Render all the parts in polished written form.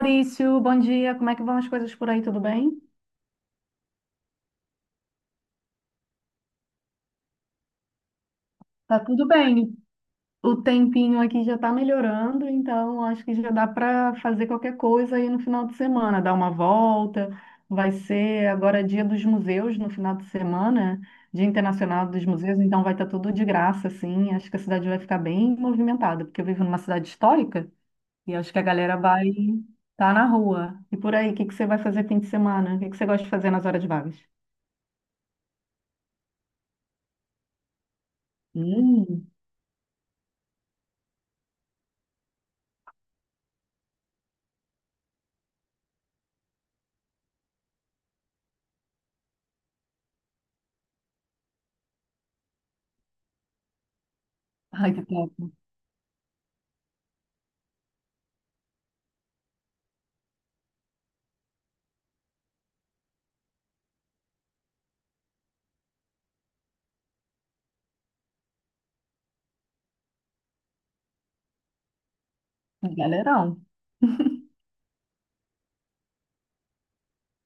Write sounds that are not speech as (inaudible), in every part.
Maurício, bom dia. Como é que vão as coisas por aí? Tudo bem? Tá tudo bem. O tempinho aqui já tá melhorando, então acho que já dá para fazer qualquer coisa aí no final de semana, dar uma volta. Vai ser agora dia dos museus no final de semana, Dia Internacional dos Museus, então vai estar tudo de graça, assim. Acho que a cidade vai ficar bem movimentada, porque eu vivo numa cidade histórica e acho que a galera vai estar na rua. E por aí, o que que você vai fazer fim de semana? O que que você gosta de fazer nas horas vagas? Hum. Ai, que top. Galerão.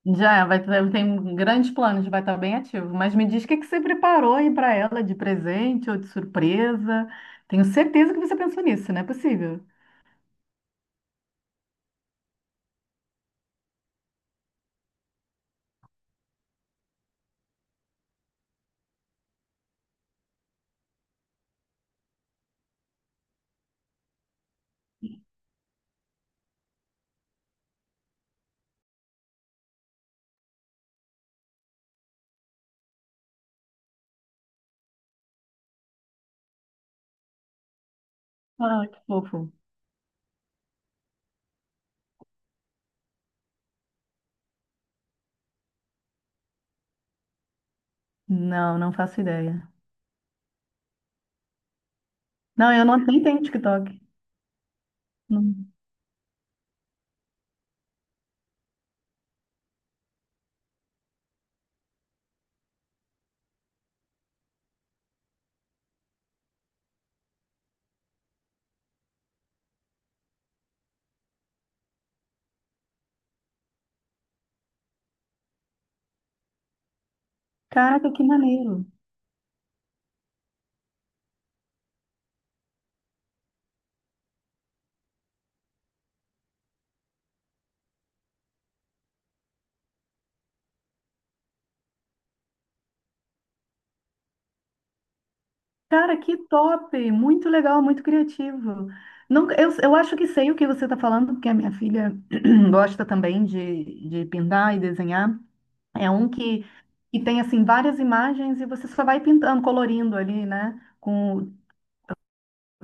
Já é, tem grandes planos, vai estar bem ativo. Mas me diz o que que você preparou aí para ela de presente ou de surpresa. Tenho certeza que você pensou nisso, não é possível. Ah, que fofo. Não, não faço ideia. Não, eu não nem tenho TikTok. Não. Caraca, que maneiro. Cara, que top! Muito legal, muito criativo. Nunca, eu acho que sei o que você está falando, porque a minha filha (clears throat) gosta também de pintar e desenhar. É um que tem assim várias imagens e você só vai pintando, colorindo ali, né? Com,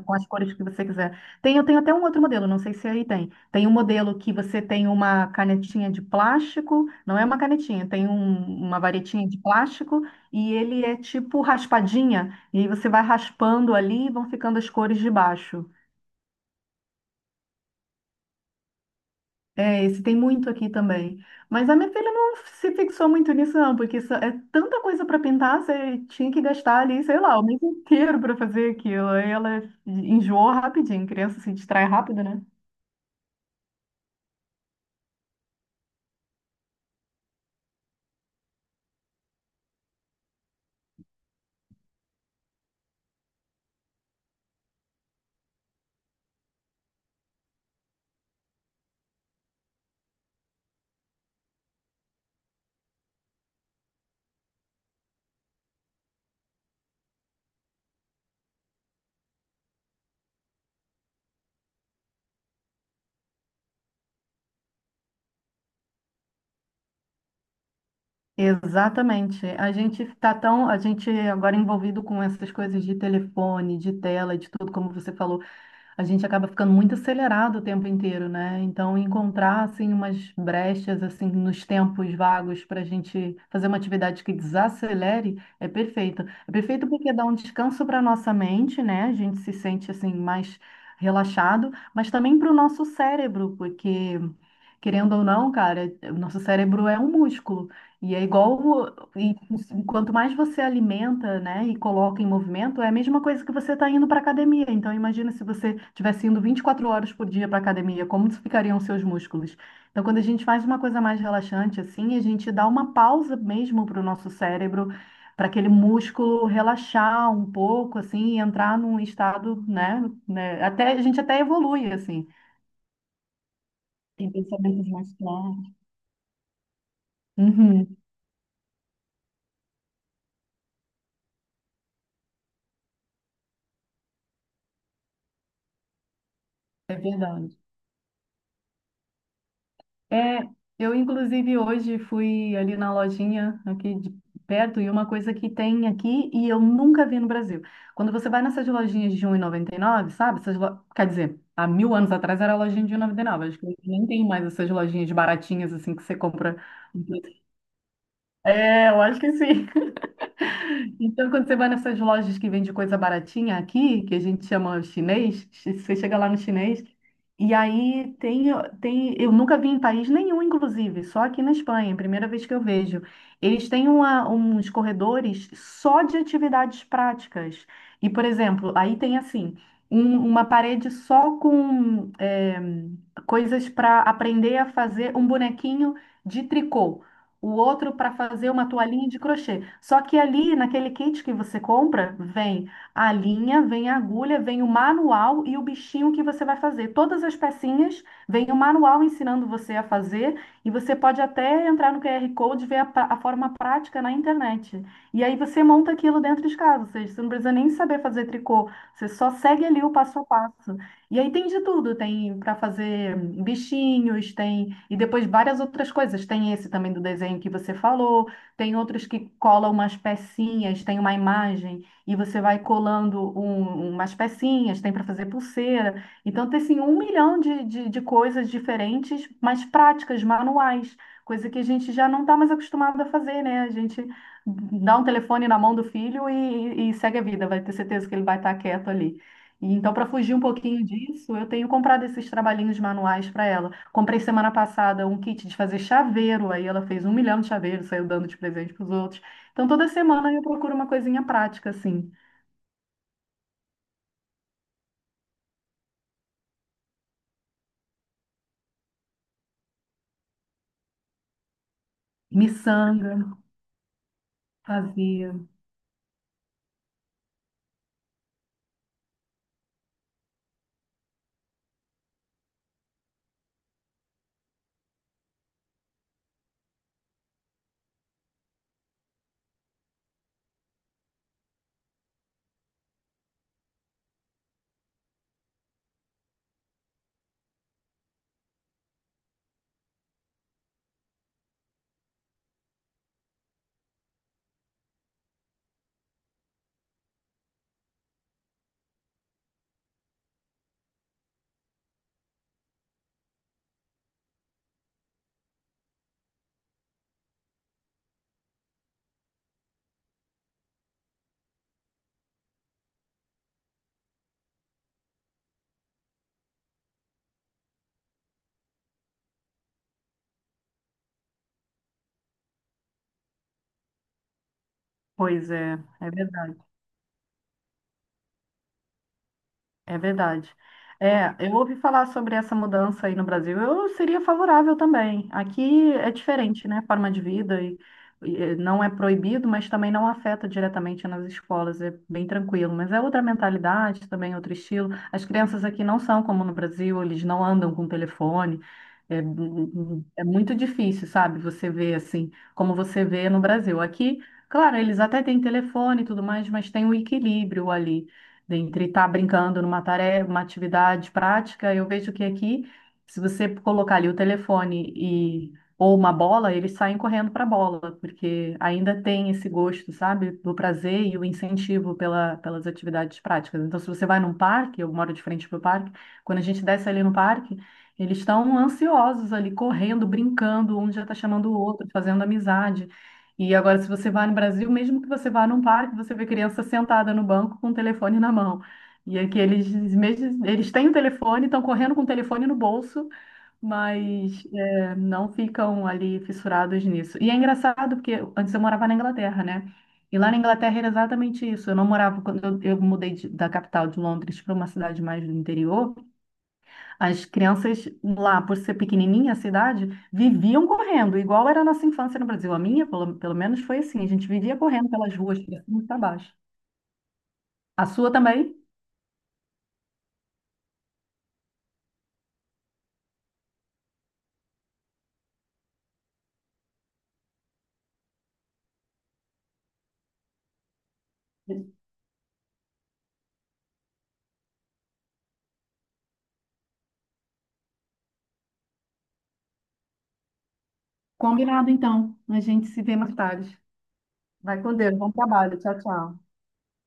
com as cores que você quiser. Tem, eu tenho até um outro modelo, não sei se aí tem. Tem um modelo que você tem uma canetinha de plástico, não é uma canetinha, tem uma varetinha de plástico, e ele é tipo raspadinha, e aí você vai raspando ali e vão ficando as cores de baixo. É, esse tem muito aqui também. Mas a minha filha não se fixou muito nisso, não, porque isso é tanta coisa para pintar, você tinha que gastar ali, sei lá, o mês inteiro para fazer aquilo. Aí ela enjoou rapidinho, criança se distrai rápido, né? Exatamente. A gente agora envolvido com essas coisas de telefone, de tela, de tudo, como você falou. A gente acaba ficando muito acelerado o tempo inteiro, né? Então, encontrar assim umas brechas assim nos tempos vagos para a gente fazer uma atividade que desacelere é perfeito. É perfeito porque dá um descanso para nossa mente, né? A gente se sente assim mais relaxado, mas também para o nosso cérebro, porque, querendo ou não, cara, o nosso cérebro é um músculo. E é igual e quanto mais você alimenta, né, e coloca em movimento, é a mesma coisa que você está indo para academia. Então, imagina se você estivesse indo 24 horas por dia para academia, como ficariam os seus músculos? Então, quando a gente faz uma coisa mais relaxante assim, a gente dá uma pausa mesmo para o nosso cérebro, para aquele músculo relaxar um pouco, assim, e entrar num estado, né, né, até a gente até evolui assim. Tem pensamentos mais claros. Uhum, é verdade. É, eu inclusive hoje fui ali na lojinha aqui de perto e uma coisa que tem aqui e eu nunca vi no Brasil. Quando você vai nessas lojinhas de um 1,99, sabe? Essas lo... Quer dizer, há mil anos atrás era a lojinha de um e noventa e nove. Acho que nem tem mais essas lojinhas baratinhas assim que você compra. É, eu acho que sim. Então, quando você vai nessas lojas que vende coisa baratinha aqui, que a gente chama chinês, você chega lá no chinês, e aí tem, eu nunca vi em país nenhum, inclusive, só aqui na Espanha, é a primeira vez que eu vejo. Eles têm uns corredores só de atividades práticas. E, por exemplo, aí tem assim, uma parede só com coisas para aprender a fazer um bonequinho de tricô, o outro para fazer uma toalhinha de crochê. Só que ali, naquele kit que você compra, vem a linha, vem a agulha, vem o manual e o bichinho que você vai fazer. Todas as pecinhas, vem o manual ensinando você a fazer e você pode até entrar no QR Code e ver a forma prática na internet. E aí você monta aquilo dentro de casa, ou seja, você não precisa nem saber fazer tricô, você só segue ali o passo a passo. E aí tem de tudo, tem para fazer bichinhos, tem e depois várias outras coisas. Tem esse também do desenho que você falou, tem outros que colam umas pecinhas, tem uma imagem e você vai colando umas pecinhas, tem para fazer pulseira. Então tem assim um milhão de coisas diferentes, mas práticas, manuais, coisa que a gente já não está mais acostumado a fazer, né? A gente dá um telefone na mão do filho e segue a vida, vai ter certeza que ele vai estar quieto ali. Então, para fugir um pouquinho disso, eu tenho comprado esses trabalhinhos manuais para ela. Comprei semana passada um kit de fazer chaveiro, aí ela fez um milhão de chaveiros, saiu dando de presente para os outros. Então, toda semana eu procuro uma coisinha prática, assim. Miçanga, fazia. Pois é, é verdade. É verdade. É, eu ouvi falar sobre essa mudança aí no Brasil. Eu seria favorável também. Aqui é diferente, né? Forma de vida e não é proibido, mas também não afeta diretamente nas escolas. É bem tranquilo. Mas é outra mentalidade, também outro estilo. As crianças aqui não são como no Brasil. Eles não andam com telefone. É, é muito difícil, sabe? Você vê assim, como você vê no Brasil. Aqui, claro, eles até têm telefone e tudo mais, mas tem o equilíbrio ali dentre estar brincando numa tarefa, uma atividade prática, eu vejo que aqui, se você colocar ali o telefone e ou uma bola, eles saem correndo para a bola, porque ainda tem esse gosto, sabe, do prazer e o incentivo pelas atividades práticas. Então, se você vai num parque, eu moro de frente para o parque, quando a gente desce ali no parque, eles estão ansiosos ali, correndo, brincando, um já está chamando o outro, fazendo amizade. E agora, se você vai no Brasil, mesmo que você vá num parque, você vê criança sentada no banco com o telefone na mão. E aqui eles, mesmo, eles têm o telefone, estão correndo com o telefone no bolso, mas é, não ficam ali fissurados nisso. E é engraçado, porque antes eu morava na Inglaterra, né? E lá na Inglaterra era exatamente isso. Eu não morava, quando eu mudei da capital de Londres para uma cidade mais do interior. As crianças lá, por ser pequenininha a cidade, viviam correndo, igual era a nossa infância no Brasil. A minha, pelo menos, foi assim. A gente vivia correndo pelas ruas, para cima e para baixo. A sua também? Combinado, então. A gente se vê mais tarde. Vai com Deus. Bom trabalho. Tchau, tchau.